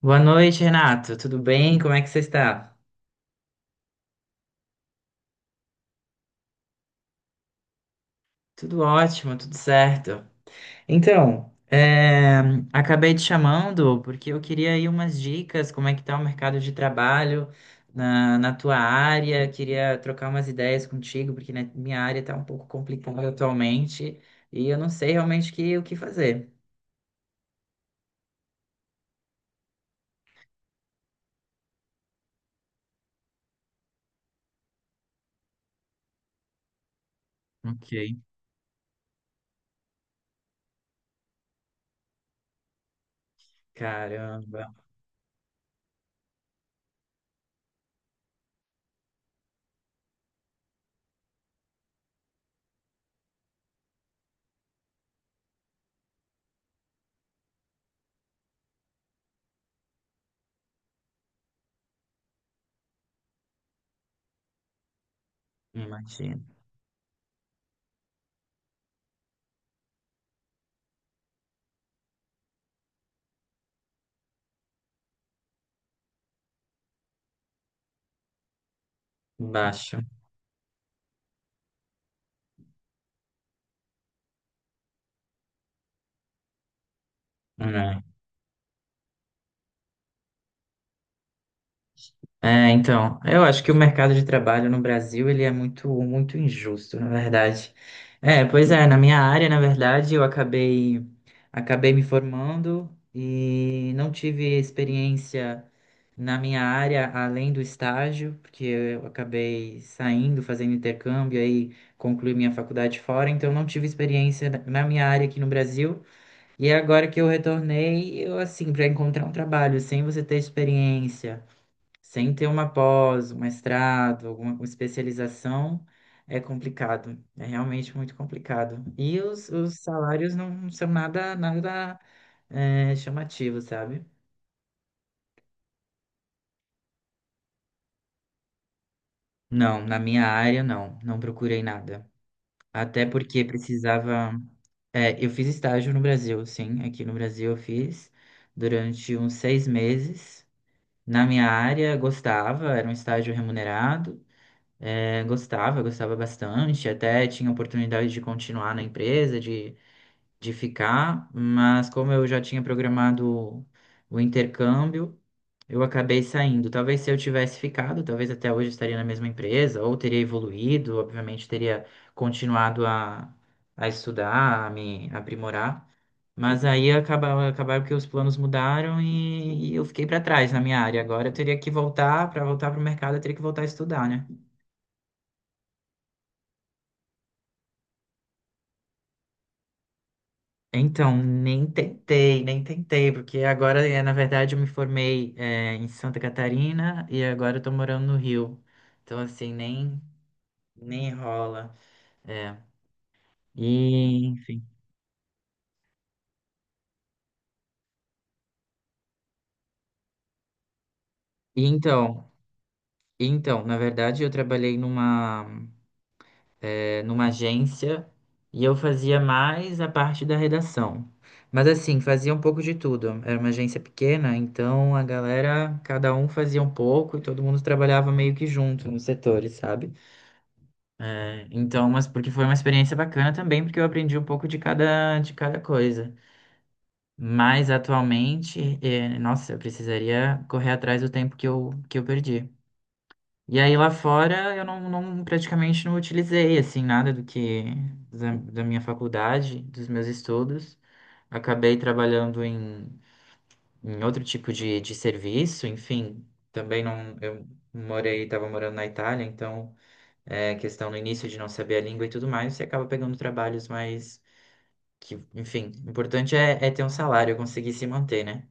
Boa noite, Renato. Tudo bem? Como é que você está? Tudo ótimo, tudo certo. Então, é, Acabei te chamando porque eu queria aí umas dicas, como é que tá o mercado de trabalho na tua área. Queria trocar umas ideias contigo, porque na minha área está um pouco complicada atualmente e eu não sei realmente o que fazer. Ok. Caramba, imagina. Baixo. É, então, eu acho que o mercado de trabalho no Brasil ele é muito, muito injusto, na verdade. É, pois é, na minha área, na verdade, acabei me formando e não tive experiência na minha área além do estágio, porque eu acabei saindo, fazendo intercâmbio, aí concluí minha faculdade fora, então não tive experiência na minha área aqui no Brasil. E agora que eu retornei, eu assim, para encontrar um trabalho sem você ter experiência, sem ter uma pós, um mestrado, alguma especialização, é complicado. É realmente muito complicado. E os salários não são nada chamativos, sabe? Não, na minha área, não. Não procurei nada. Até porque precisava. É, eu fiz estágio no Brasil, sim. Aqui no Brasil eu fiz durante uns 6 meses. Na minha área, gostava, era um estágio remunerado. É, gostava bastante, até tinha oportunidade de continuar na empresa, de ficar, mas como eu já tinha programado o intercâmbio, eu acabei saindo. Talvez se eu tivesse ficado, talvez até hoje eu estaria na mesma empresa, ou teria evoluído, obviamente teria continuado a estudar, a me aprimorar, mas aí acabava acabaram que os planos mudaram e eu fiquei para trás na minha área. Agora eu teria que voltar, para voltar para o mercado, eu teria que voltar a estudar, né? Então, nem tentei, porque agora, na verdade, eu me formei, em Santa Catarina e agora eu tô morando no Rio. Então, assim, nem, nem rola. É. E, enfim. E então, e então, na verdade, eu trabalhei numa agência e eu fazia mais a parte da redação. Mas, assim, fazia um pouco de tudo. Era uma agência pequena, então a galera, cada um fazia um pouco e todo mundo trabalhava meio que junto nos setores, sabe? É, então, mas porque foi uma experiência bacana também, porque eu aprendi um pouco de cada coisa. Mas atualmente, é, nossa, eu precisaria correr atrás do tempo que eu perdi. E aí lá fora eu praticamente não utilizei assim nada do que da minha faculdade, dos meus estudos. Acabei trabalhando em outro tipo de serviço, enfim, também não, eu morei, estava morando na Itália, então é, questão no início de não saber a língua e tudo mais, você acaba pegando trabalhos mais que, enfim, o importante é, é ter um salário, conseguir se manter, né?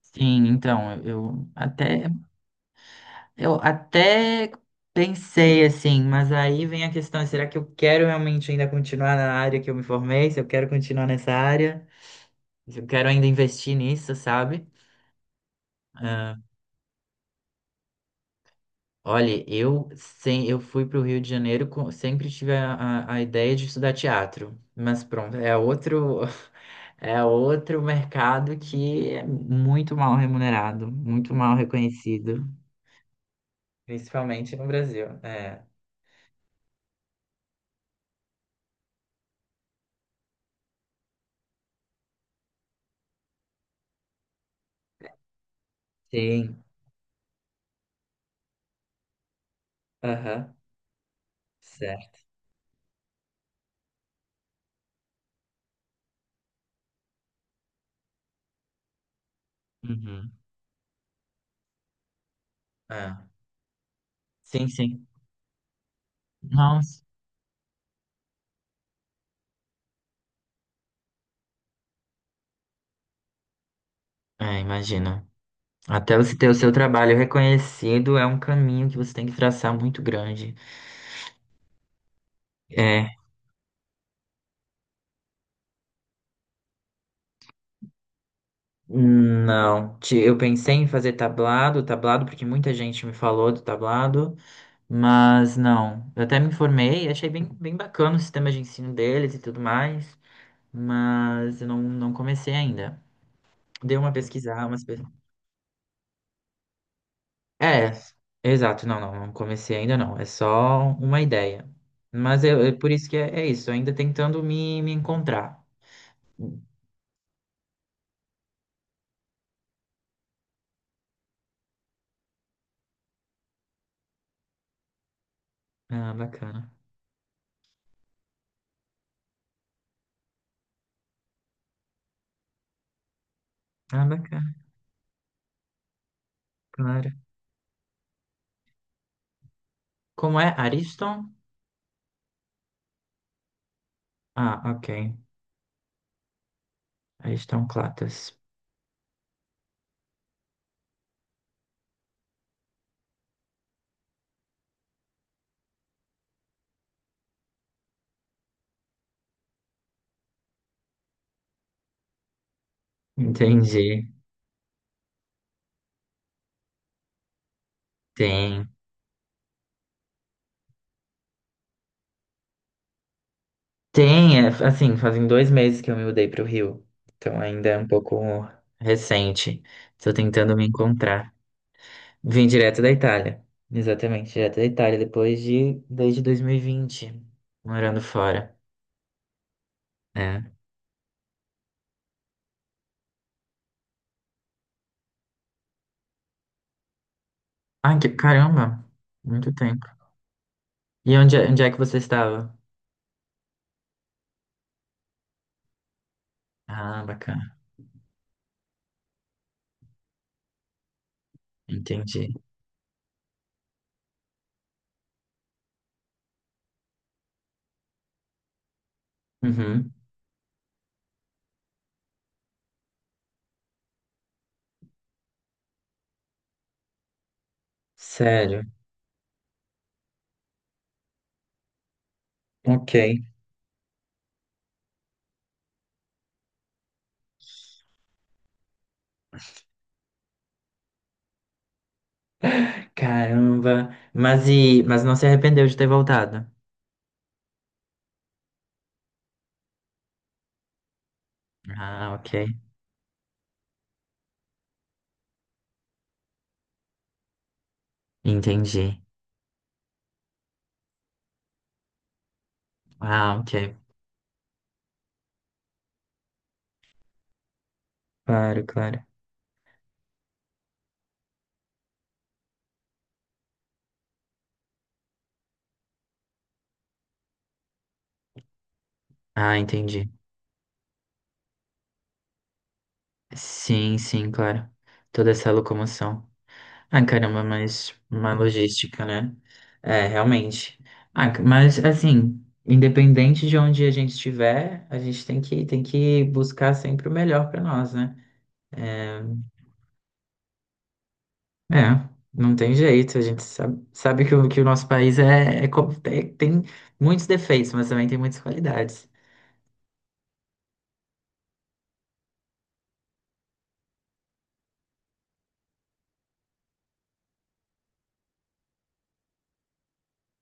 Sim, então, eu até pensei assim, mas aí vem a questão, será que eu quero realmente ainda continuar na área que eu me formei? Se eu quero continuar nessa área, se eu quero ainda investir nisso, sabe? Olha, eu sem, eu fui para o Rio de Janeiro, sempre tive a ideia de estudar teatro, mas pronto, é outro é outro mercado que é muito mal remunerado, muito mal reconhecido, principalmente no Brasil. É, sim, aham, certo. Uhum. É. Sim, sim. Nossa. É, imagina. Até você ter o seu trabalho reconhecido é um caminho que você tem que traçar muito grande. É. Não, eu pensei em fazer tablado, tablado, porque muita gente me falou do tablado, mas não. Eu até me informei, achei bem bacana o sistema de ensino deles e tudo mais, mas eu não comecei ainda. Dei uma pesquisada, é, exato, não comecei ainda não, é só uma ideia. Mas por isso que é isso, ainda tentando me encontrar. Ah, bacana. Ah, bacana, claro. Como é? Ariston? Ah, ok. Ariston Clatas. Entendi. Tem. Tem, é, assim, fazem 2 meses que eu me mudei para o Rio. Então ainda é um pouco recente. Estou tentando me encontrar. Vim direto da Itália. Exatamente, direto da Itália, depois de, desde 2020, morando fora. É. Ah, que caramba! Muito tempo. E onde, onde é que você estava? Ah, bacana. Entendi. Uhum. Sério. Ok. Caramba. Mas e, mas não se arrependeu de ter voltado? Ah, ok. Entendi. Ah, ok. Claro, claro. Ah, entendi. Sim, sim, claro. Toda essa locomoção. Ah, caramba, mas uma logística, né? É, realmente. Mas assim, independente de onde a gente estiver, a gente tem tem que buscar sempre o melhor para nós, né? É, é, não tem jeito. A gente sabe, sabe que, que o nosso país tem tem muitos defeitos, mas também tem muitas qualidades.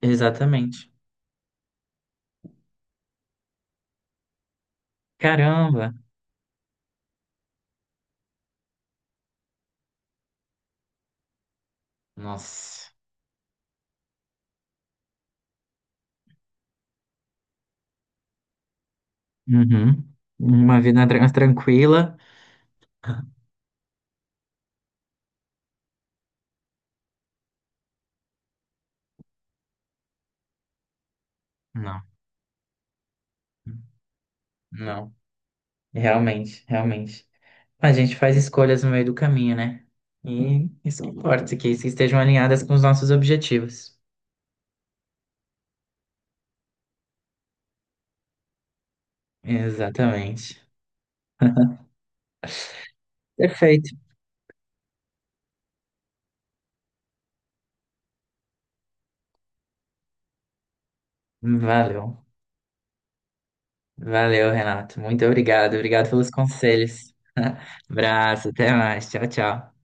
Exatamente. Caramba! Nossa. Uhum. Uma vida tranquila. Não, não, realmente, realmente. A gente faz escolhas no meio do caminho, né? E isso que importa, que isso estejam alinhadas com os nossos objetivos. Exatamente. Perfeito. Valeu. Valeu, Renato. Muito obrigado. Obrigado pelos conselhos. Abraço, até mais. Tchau, tchau.